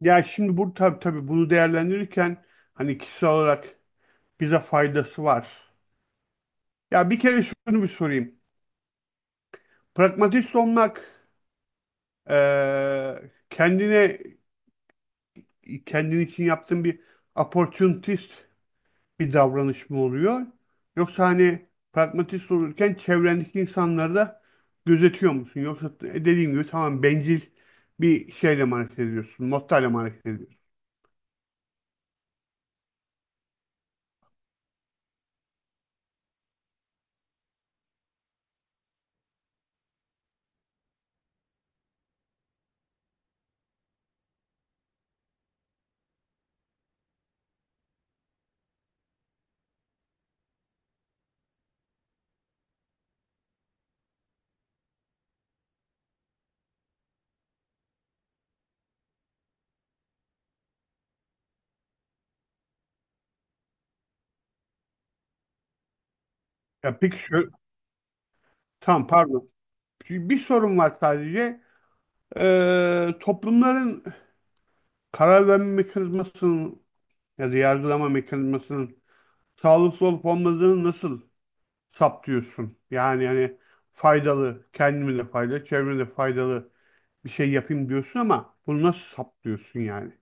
Ya şimdi bu tabii bunu değerlendirirken hani kişisel olarak bize faydası var. Ya bir kere şunu bir sorayım. Pragmatist olmak kendine kendin için yaptığın bir opportunist bir davranış mı oluyor? Yoksa hani pragmatist olurken çevrendeki insanları da gözetiyor musun? Yoksa dediğim gibi tamam bencil bir şeyle mi hareket ediyorsun? Mottoyla mı hareket ediyorsun? Ya peki şu tamam, pardon. Bir sorun var sadece. Toplumların karar verme mekanizmasının ya da yargılama mekanizmasının sağlıklı olup olmadığını nasıl saptıyorsun? Yani hani faydalı, kendime de faydalı, çevreme de faydalı bir şey yapayım diyorsun ama bunu nasıl saptıyorsun yani?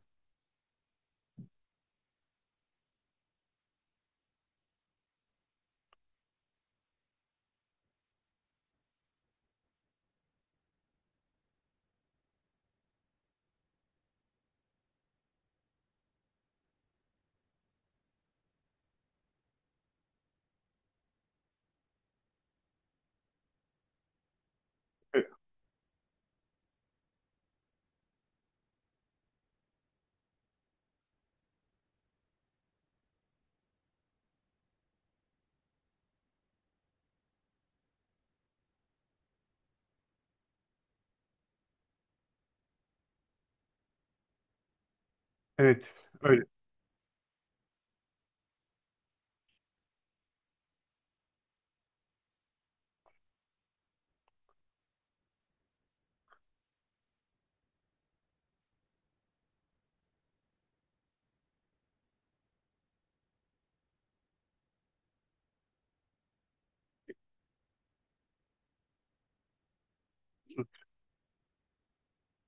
E, evet, öyle.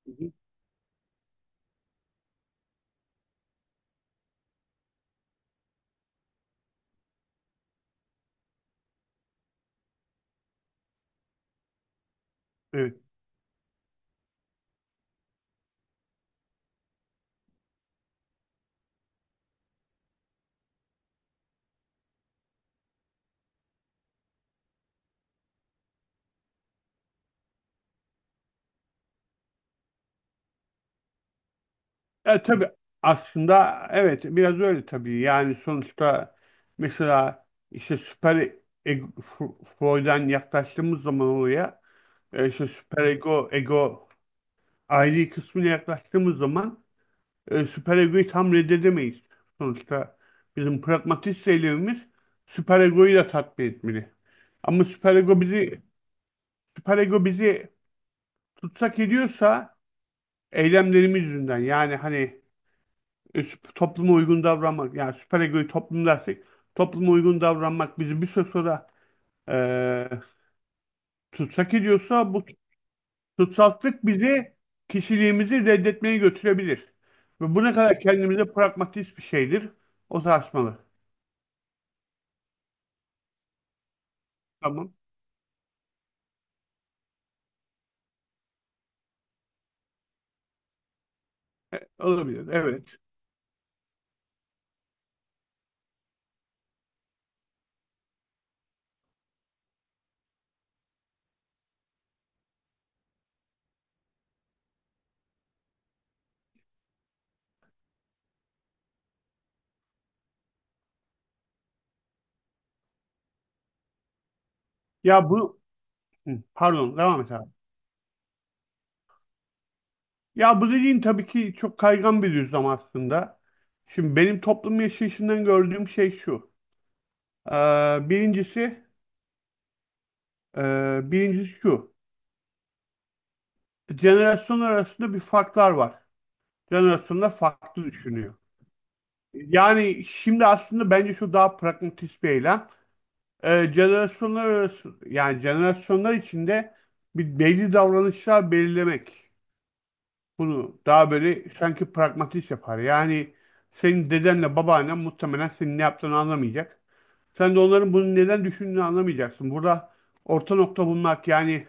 Hı hı, evet. E, tabii aslında evet biraz öyle tabii. Yani sonuçta mesela işte süper ego, F- Freud'dan yaklaştığımız zaman oraya, e, işte süper ego, ego ayrı kısmına yaklaştığımız zaman süper egoyu tam reddedemeyiz. Sonuçta bizim pragmatist eylemimiz süper egoyu da tatmin etmeli. Ama süper ego bizi tutsak ediyorsa eylemlerimiz yüzünden, yani hani topluma uygun davranmak, yani süper egoyu toplum dersek topluma uygun davranmak bizi bir süre sonra, e, tutsak ediyorsa bu tutsaklık bizi kişiliğimizi reddetmeye götürebilir. Ve bu ne kadar kendimize pragmatist bir şeydir o tartışmalı. Tamam. E, olabilir. Evet. Ya bu Hı, pardon devam et abi. Ya bu dediğin tabii ki çok kaygan bir düzlem aslında. Şimdi benim toplum yaşayışından gördüğüm şey şu. Ee, birincisi, Birincisi şu. Jenerasyon arasında bir farklar var. Jenerasyonlar farklı düşünüyor. Yani şimdi aslında bence şu daha pragmatist bir eylem. Jenerasyonlar arası, yani jenerasyonlar içinde bir belli davranışlar belirlemek. Bunu daha böyle sanki pragmatist yapar. Yani senin dedenle babaannen muhtemelen senin ne yaptığını anlamayacak. Sen de onların bunu neden düşündüğünü anlamayacaksın. Burada orta nokta bulmak, yani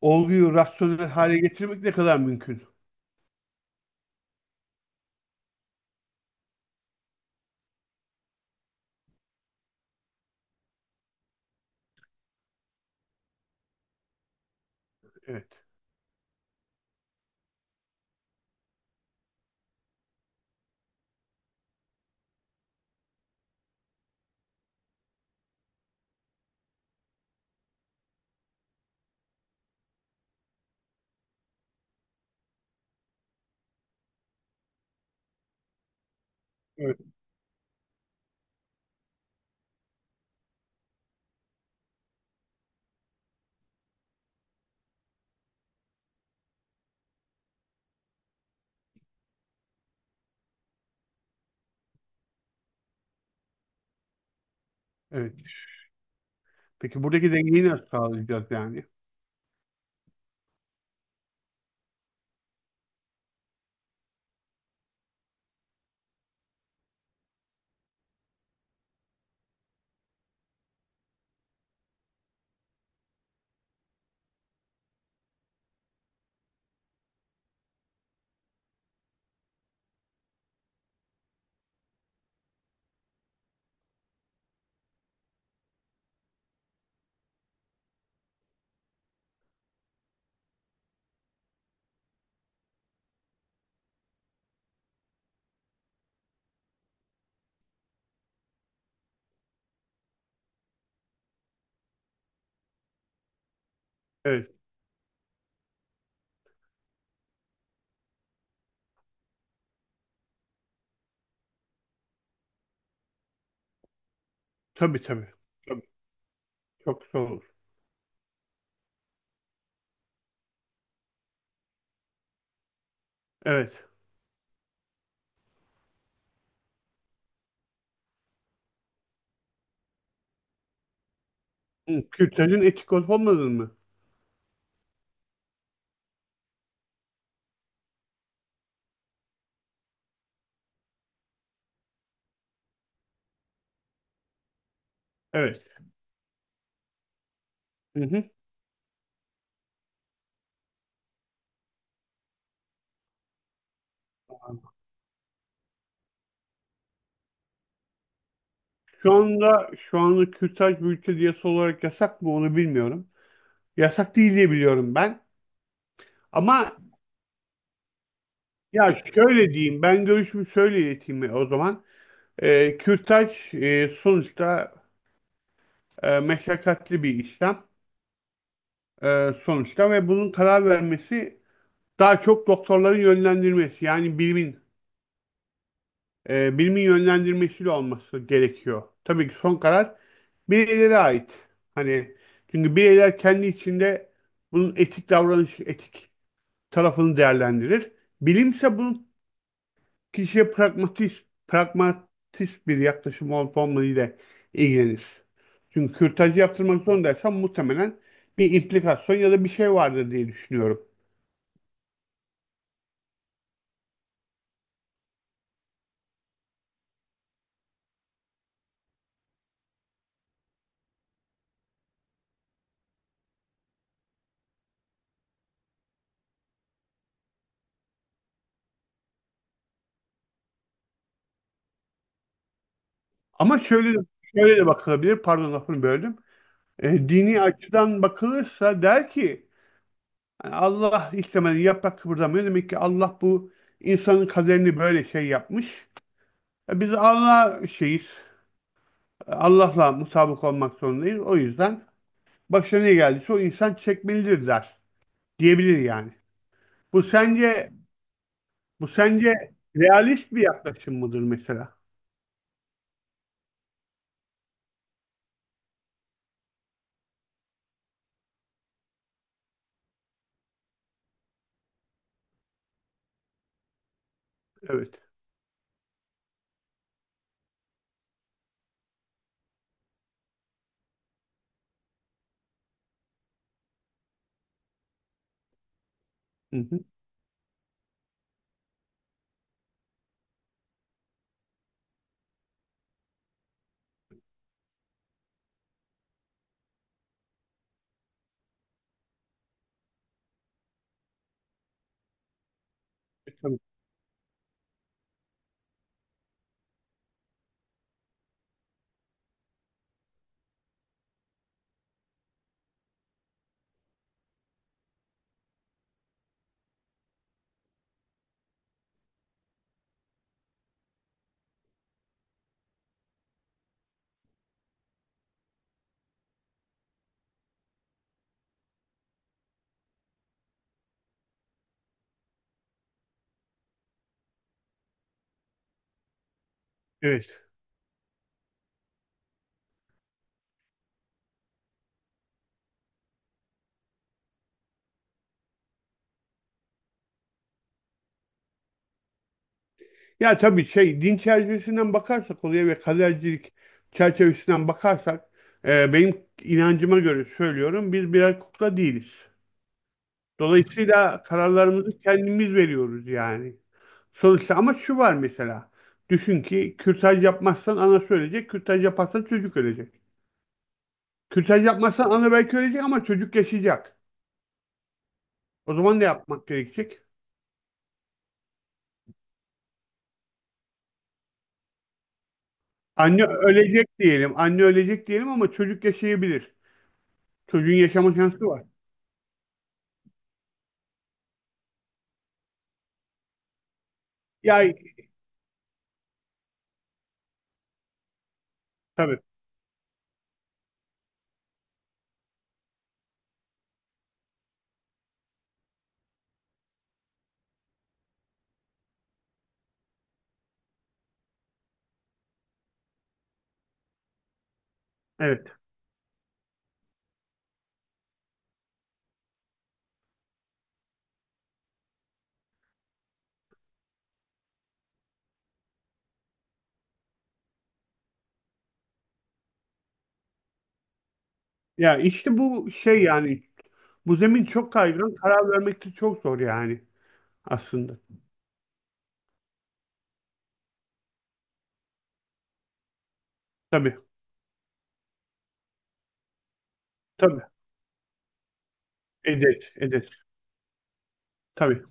olguyu rasyonel hale getirmek ne kadar mümkün? Evet. Evet. Evet. Peki buradaki dengeyi nasıl sağlayacağız yani? Evet. Tabii. Tabii. Çok zor olur. Evet. Hı, kürtajın etik olup olmadığını mı? Evet. Hı hı. Şu anda kürtaj bu ülkede yasa olarak yasak mı onu bilmiyorum. Yasak değil diye biliyorum ben. Ama ya şöyle diyeyim, ben görüşümü şöyle ileteyim o zaman. Kürtaj, e, sonuçta, e, meşakkatli bir işlem, e, sonuçta, ve bunun karar vermesi daha çok doktorların yönlendirmesi, yani bilimin, bilimin yönlendirmesiyle olması gerekiyor. Tabii ki son karar bireylere ait. Hani çünkü bireyler kendi içinde bunun etik davranış, etik tarafını değerlendirir. Bilimse bunun kişiye pragmatist bir yaklaşım olup olmadığıyla ilgilenir. Çünkü kürtajı yaptırmak zorundaysam muhtemelen bir implikasyon ya da bir şey vardır diye düşünüyorum. Ama şöyle de, Şöyle de bakılabilir, pardon lafını böldüm. E, dini açıdan bakılırsa der ki, yani Allah istemeden yaprak kıpırdamıyor. Demek ki Allah bu insanın kaderini böyle şey yapmış. E, biz Allah'a şeyiz. E, Allah'la mutabık olmak zorundayız. O yüzden başına ne geldiyse o insan çekmelidir, der. Diyebilir yani. Bu sence bu sence realist bir yaklaşım mıdır mesela? Evet. Hı hı. E, tabii. Evet. Ya tabii şey, din çerçevesinden bakarsak olaya ve kadercilik çerçevesinden bakarsak, e, benim inancıma göre söylüyorum, biz birer kukla değiliz. Dolayısıyla kararlarımızı kendimiz veriyoruz yani. Sonuçta ama şu var mesela. Düşün ki kürtaj yapmazsan ana söyleyecek, kürtaj yaparsan çocuk ölecek. Kürtaj yapmazsan ana belki ölecek ama çocuk yaşayacak. O zaman ne yapmak gerekecek? Anne ölecek diyelim, anne ölecek diyelim ama çocuk yaşayabilir. Çocuğun yaşama şansı var. Ya tabii, evet. Ya işte bu şey yani, bu zemin çok kaygan, karar vermek de çok zor yani aslında. Tabii, tabii. Edet, edet. Tabii.